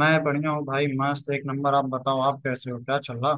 मैं बढ़िया हूँ भाई मस्त एक नंबर। आप बताओ आप कैसे हो क्या चल रहा।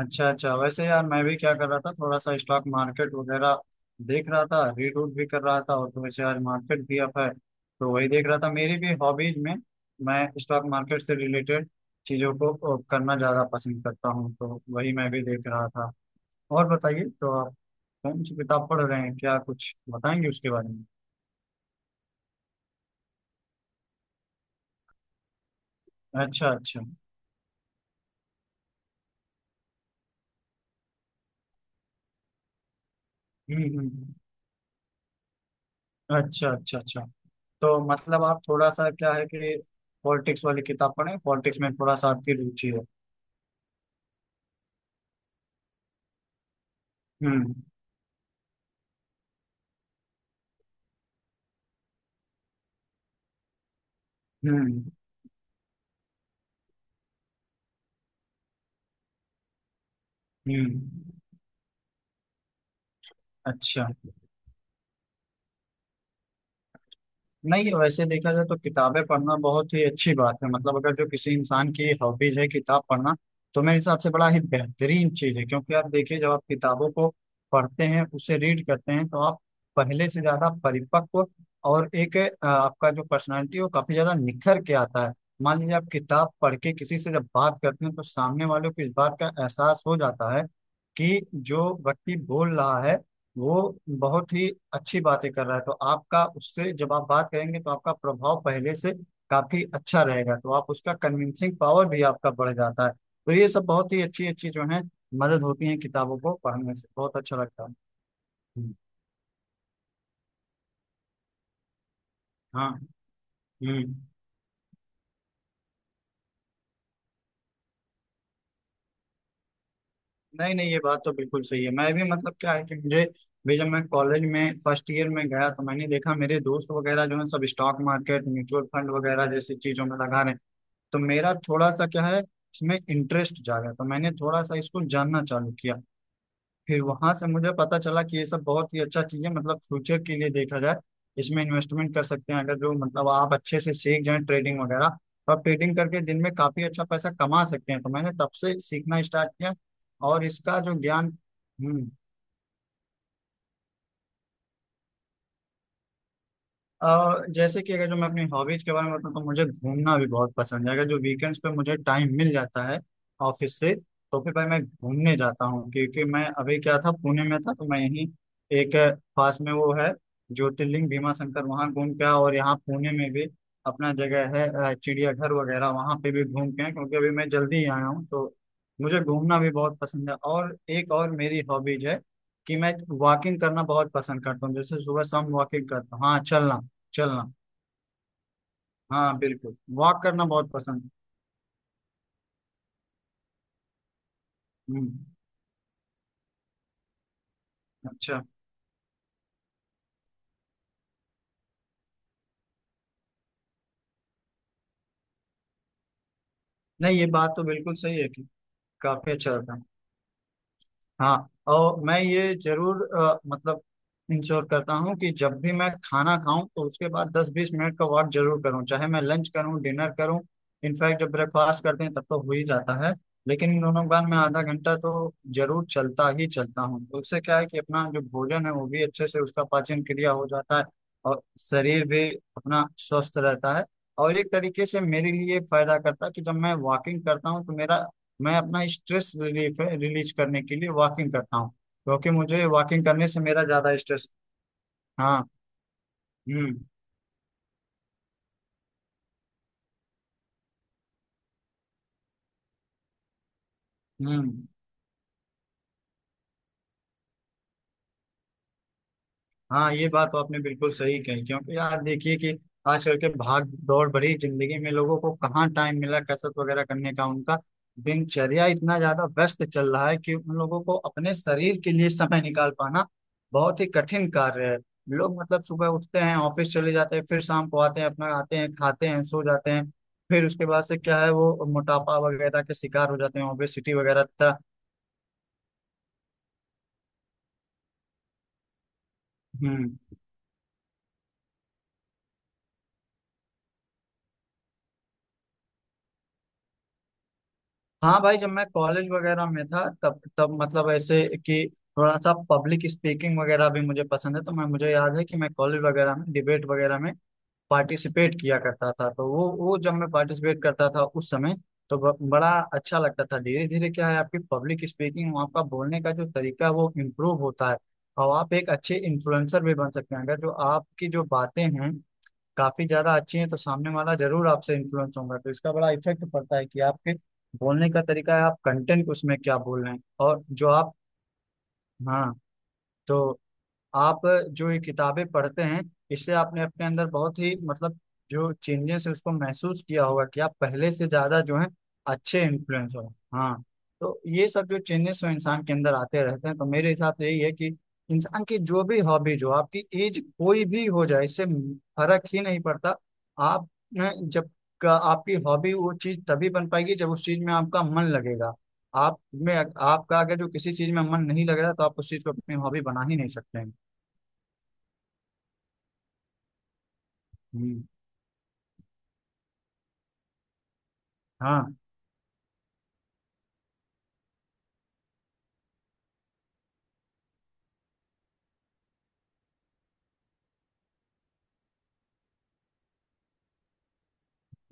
अच्छा अच्छा। वैसे यार मैं भी क्या कर रहा था थोड़ा सा स्टॉक मार्केट वगैरह देख रहा था। रीड रूड भी कर रहा था और तो वैसे आज मार्केट भी अप है तो वही देख रहा था। मेरी भी हॉबीज में मैं स्टॉक मार्केट से रिलेटेड चीज़ों को करना ज़्यादा पसंद करता हूँ तो वही मैं भी देख रहा था। और बताइए तो आप कौन सी किताब पढ़ रहे हैं, क्या कुछ बताएंगे उसके बारे में। अच्छा अच्छा। हम्म हम्म। अच्छा अच्छा अच्छा। तो मतलब आप थोड़ा सा क्या है कि पॉलिटिक्स वाली किताब पढ़ें, पॉलिटिक्स में थोड़ा सा आपकी रुचि है। हम्म हम्म हम्म। अच्छा। नहीं वैसे देखा जाए तो किताबें पढ़ना बहुत ही अच्छी बात है। मतलब अगर जो किसी इंसान की हॉबीज है किताब पढ़ना तो मेरे हिसाब से बड़ा ही बेहतरीन चीज है। क्योंकि आप देखिए जब आप किताबों को पढ़ते हैं, उसे रीड करते हैं, तो आप पहले से ज्यादा परिपक्व और एक आपका जो पर्सनैलिटी है वो काफी ज्यादा निखर के आता है। मान लीजिए आप किताब पढ़ के किसी से जब बात करते हैं तो सामने वाले को इस बात का एहसास हो जाता है कि जो व्यक्ति बोल रहा है वो बहुत ही अच्छी बातें कर रहा है। तो आपका उससे जब आप बात करेंगे तो आपका प्रभाव पहले से काफी अच्छा रहेगा। तो आप उसका कन्विंसिंग पावर भी आपका बढ़ जाता है। तो ये सब बहुत ही अच्छी अच्छी जो है मदद होती है किताबों को पढ़ने से, बहुत अच्छा लगता है। हम्म, हाँ। हम्म। नहीं नहीं ये बात तो बिल्कुल सही है। मैं भी मतलब क्या है कि मुझे भी जब मैं कॉलेज में फर्स्ट ईयर में गया तो मैंने देखा मेरे दोस्त वगैरह जो है सब स्टॉक मार्केट म्यूचुअल फंड वगैरह जैसी चीजों में लगा रहे हैं। तो मेरा थोड़ा सा क्या है इसमें इंटरेस्ट जागा तो मैंने थोड़ा सा इसको जानना चालू किया। फिर वहां से मुझे पता चला कि ये सब बहुत ही अच्छा चीज है। मतलब फ्यूचर के लिए देखा जाए इसमें इन्वेस्टमेंट कर सकते हैं। अगर जो मतलब आप अच्छे से सीख जाए ट्रेडिंग वगैरह और ट्रेडिंग करके दिन में काफी अच्छा पैसा कमा सकते हैं। तो मैंने तब से सीखना स्टार्ट किया और इसका जो ज्ञान। हम्म। जैसे कि अगर जो मैं अपनी हॉबीज के बारे में बताऊँ तो मुझे घूमना भी बहुत पसंद है। अगर जो वीकेंड्स पे मुझे टाइम मिल जाता है ऑफिस से तो फिर भाई मैं घूमने जाता हूँ। क्योंकि मैं अभी क्या था पुणे में था तो मैं यहीं एक पास में वो है ज्योतिर्लिंग भीमा शंकर वहाँ घूम के आया। और यहाँ पुणे में भी अपना जगह है चिड़ियाघर वगैरह वहाँ पे भी घूम के आए। क्योंकि अभी मैं जल्दी ही आया हूँ तो मुझे घूमना भी बहुत पसंद है। और एक और मेरी हॉबीज है कि मैं वॉकिंग करना बहुत पसंद करता हूँ। जैसे सुबह शाम वॉकिंग करता हूँ। हाँ चलना। चलना। हाँ बिल्कुल वॉक करना बहुत पसंद है। हम्म। अच्छा। नहीं ये बात तो बिल्कुल सही है कि काफी अच्छा रहता है। हाँ। और मैं ये जरूर मतलब इंश्योर करता हूँ कि जब भी मैं खाना खाऊं तो उसके बाद 10-20 मिनट का वॉक जरूर करूँ, चाहे मैं लंच करूँ डिनर करूँ। इनफैक्ट जब ब्रेकफास्ट करते हैं तब तो हो ही जाता है। लेकिन इन दोनों के बाद मैं आधा घंटा तो जरूर चलता ही चलता हूँ। तो उससे क्या है कि अपना जो भोजन है वो भी अच्छे से उसका पाचन क्रिया हो जाता है और शरीर भी अपना स्वस्थ रहता है। और एक तरीके से मेरे लिए फायदा करता है कि जब मैं वॉकिंग करता हूँ तो मेरा, मैं अपना स्ट्रेस रिलीफ है रिलीज करने के लिए वॉकिंग करता हूँ क्योंकि मुझे वॉकिंग करने से मेरा ज्यादा स्ट्रेस। हाँ। हम्म हम्म। हाँ ये बात तो आपने बिल्कुल सही कही। क्योंकि यार देखिए कि आजकल के भाग दौड़ भरी जिंदगी में लोगों को कहाँ टाइम मिला कसरत वगैरह करने का। उनका दिनचर्या इतना ज्यादा व्यस्त चल रहा है कि उन लोगों को अपने शरीर के लिए समय निकाल पाना बहुत ही कठिन कार्य है। लोग मतलब सुबह उठते हैं, ऑफिस चले जाते हैं, फिर शाम को आते हैं, अपना आते हैं खाते हैं सो जाते हैं। फिर उसके बाद से क्या है वो मोटापा वगैरह के शिकार हो जाते हैं, ओबेसिटी वगैरह तरह। हम्म। हाँ भाई जब मैं कॉलेज वगैरह में था तब तब मतलब ऐसे कि थोड़ा सा पब्लिक स्पीकिंग वगैरह भी मुझे पसंद है। तो मैं, मुझे याद है कि मैं कॉलेज वगैरह में डिबेट वगैरह में पार्टिसिपेट किया करता था। तो वो जब मैं पार्टिसिपेट करता था उस समय तो बड़ा अच्छा लगता था। धीरे धीरे क्या है आपकी पब्लिक स्पीकिंग आपका बोलने का जो तरीका है वो इम्प्रूव होता है। और आप एक अच्छे इन्फ्लुएंसर भी बन सकते हैं। अगर जो आपकी जो बातें हैं काफी ज्यादा अच्छी हैं तो सामने वाला जरूर आपसे इन्फ्लुएंस होगा। तो इसका बड़ा इफेक्ट पड़ता है कि आपके बोलने का तरीका है आप कंटेंट उसमें क्या बोल रहे हैं। और जो आप। हाँ। तो आप जो ये किताबें पढ़ते हैं इससे आपने अपने अंदर बहुत ही मतलब जो चेंजेस है उसको महसूस किया होगा कि आप पहले से ज्यादा जो है अच्छे इन्फ्लुएंस हो। हाँ। तो ये सब जो चेंजेस हो इंसान के अंदर आते रहते हैं। तो मेरे हिसाब से यही है कि इंसान की जो भी हॉबीज हो आपकी एज कोई भी हो जाए इससे फर्क ही नहीं पड़ता। आप न, जब का आपकी हॉबी वो चीज तभी बन पाएगी जब उस चीज में आपका मन लगेगा। आप में आपका अगर जो किसी चीज में मन नहीं लग रहा तो आप उस चीज को अपनी हॉबी बना ही नहीं सकते हैं। हम्म, हाँ।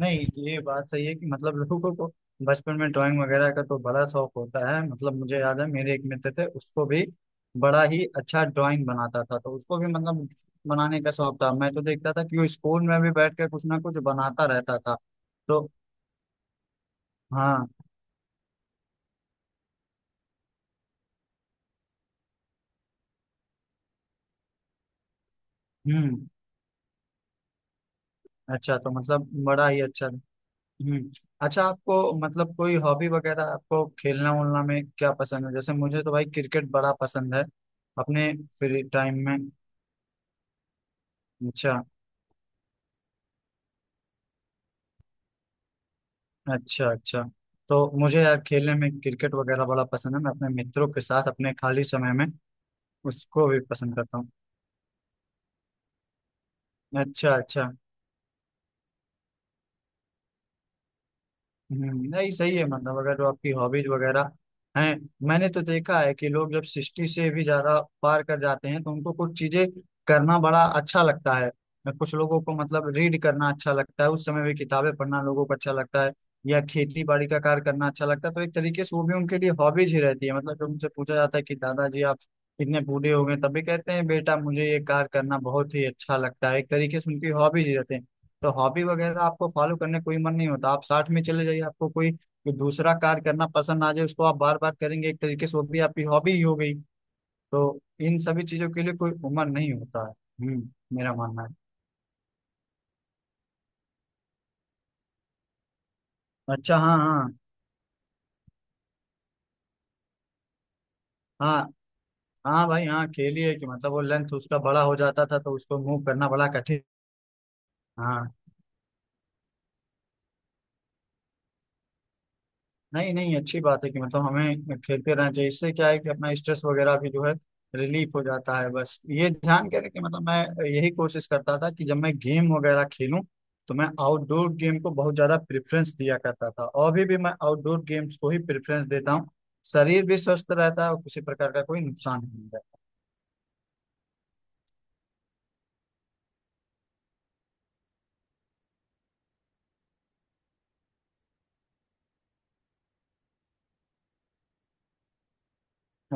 नहीं ये बात सही है कि मतलब लोगों को बचपन में ड्राइंग वगैरह का तो बड़ा शौक होता है। मतलब मुझे याद है मेरे एक मित्र थे उसको भी बड़ा ही अच्छा ड्राइंग बनाता था। तो उसको भी मतलब बनाने का शौक था। मैं तो देखता था कि वो स्कूल में भी बैठ कर कुछ ना कुछ बनाता रहता था। तो हाँ। हम्म। अच्छा तो मतलब बड़ा ही अच्छा। हम्म। अच्छा आपको मतलब कोई हॉबी वगैरह आपको खेलना उलना में क्या पसंद है? जैसे मुझे तो भाई क्रिकेट बड़ा पसंद है अपने फ्री टाइम में। अच्छा अच्छा। अच्छा तो मुझे यार खेलने में क्रिकेट वगैरह बड़ा पसंद है। मैं अपने मित्रों के साथ अपने खाली समय में उसको भी पसंद करता हूँ। अच्छा अच्छा। नहीं सही है मतलब अगर जो आपकी हॉबीज वगैरह हैं। मैंने तो देखा है कि लोग जब 60 से भी ज्यादा पार कर जाते हैं तो उनको कुछ चीजें करना बड़ा अच्छा लगता है। कुछ लोगों को मतलब रीड करना अच्छा लगता है, उस समय भी किताबें पढ़ना लोगों को अच्छा लगता है या खेती बाड़ी का कार्य करना अच्छा लगता है। तो एक तरीके से वो भी उनके लिए हॉबीज ही रहती है। मतलब जब उनसे पूछा जाता है कि दादाजी आप इतने बूढ़े हो गए तब भी कहते हैं बेटा मुझे ये कार्य करना बहुत ही अच्छा लगता है। एक तरीके से उनकी हॉबीज ही रहते हैं। तो हॉबी वगैरह आपको फॉलो करने कोई मन नहीं होता, आप साथ में चले जाइए आपको कोई कोई दूसरा कार्य करना पसंद आ जाए उसको आप बार बार करेंगे, एक तरीके से वो भी आपकी हॉबी ही हो गई। तो इन सभी चीजों के लिए कोई उम्र नहीं होता है। हम्म। मेरा मानना है। अच्छा हाँ हाँ। हाँ हाँ भाई हाँ खेली है कि मतलब वो लेंथ उसका बड़ा हो जाता था तो उसको मूव करना बड़ा कठिन। हाँ। नहीं नहीं अच्छी बात है कि मतलब हमें खेलते रहना चाहिए। इससे क्या है कि अपना स्ट्रेस वगैरह भी जो है रिलीफ हो जाता है। बस ये ध्यान करें कि मतलब मैं यही कोशिश करता था कि जब मैं गेम वगैरह खेलूं तो मैं आउटडोर गेम को बहुत ज़्यादा प्रेफरेंस दिया करता था और अभी भी मैं आउटडोर गेम्स को ही प्रेफरेंस देता हूँ। शरीर भी स्वस्थ रहता है और किसी प्रकार का कोई नुकसान नहीं रहता।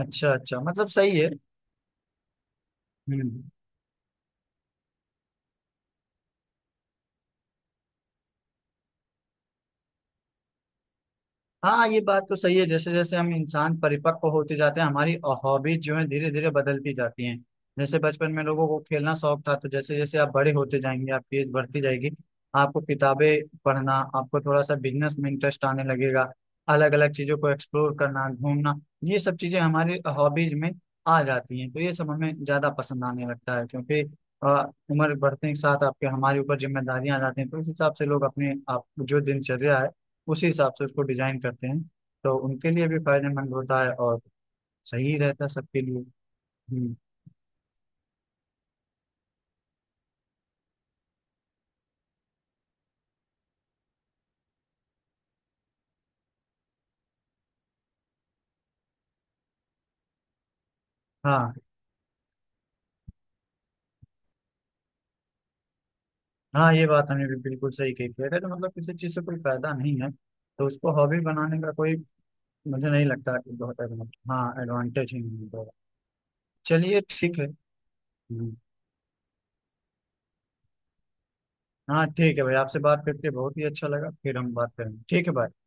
अच्छा अच्छा मतलब सही है। हम्म। हाँ ये बात तो सही है, जैसे जैसे हम इंसान परिपक्व होते जाते हैं हमारी हॉबीज जो है धीरे धीरे बदलती जाती हैं। जैसे बचपन में लोगों को खेलना शौक था, तो जैसे जैसे आप बड़े होते जाएंगे आपकी एज बढ़ती जाएगी आपको किताबें पढ़ना, आपको थोड़ा सा बिजनेस में इंटरेस्ट आने लगेगा, अलग अलग चीजों को एक्सप्लोर करना, घूमना, ये सब चीजें हमारी हॉबीज में आ जाती हैं। तो ये सब हमें ज्यादा पसंद आने लगता है क्योंकि अ, उम्र बढ़ने के साथ आपके हमारे ऊपर जिम्मेदारियां आ जाती हैं तो उस हिसाब से लोग अपने आप जो दिनचर्या है उसी हिसाब से उसको डिजाइन करते हैं। तो उनके लिए भी फायदेमंद होता है और सही रहता है सबके लिए। हम्म, हाँ। हाँ ये बात हमने भी बिल्कुल सही कही कि अगर तो मतलब किसी चीज़ से कोई फायदा नहीं है तो उसको हॉबी बनाने का कोई, मुझे नहीं लगता कि बहुत एडवांटेज, हाँ एडवांटेज ही नहीं होगा। चलिए ठीक है। हम्म, हाँ ठीक है भाई आपसे बात करके बहुत ही अच्छा लगा फिर हम बात करेंगे ठीक है भाई।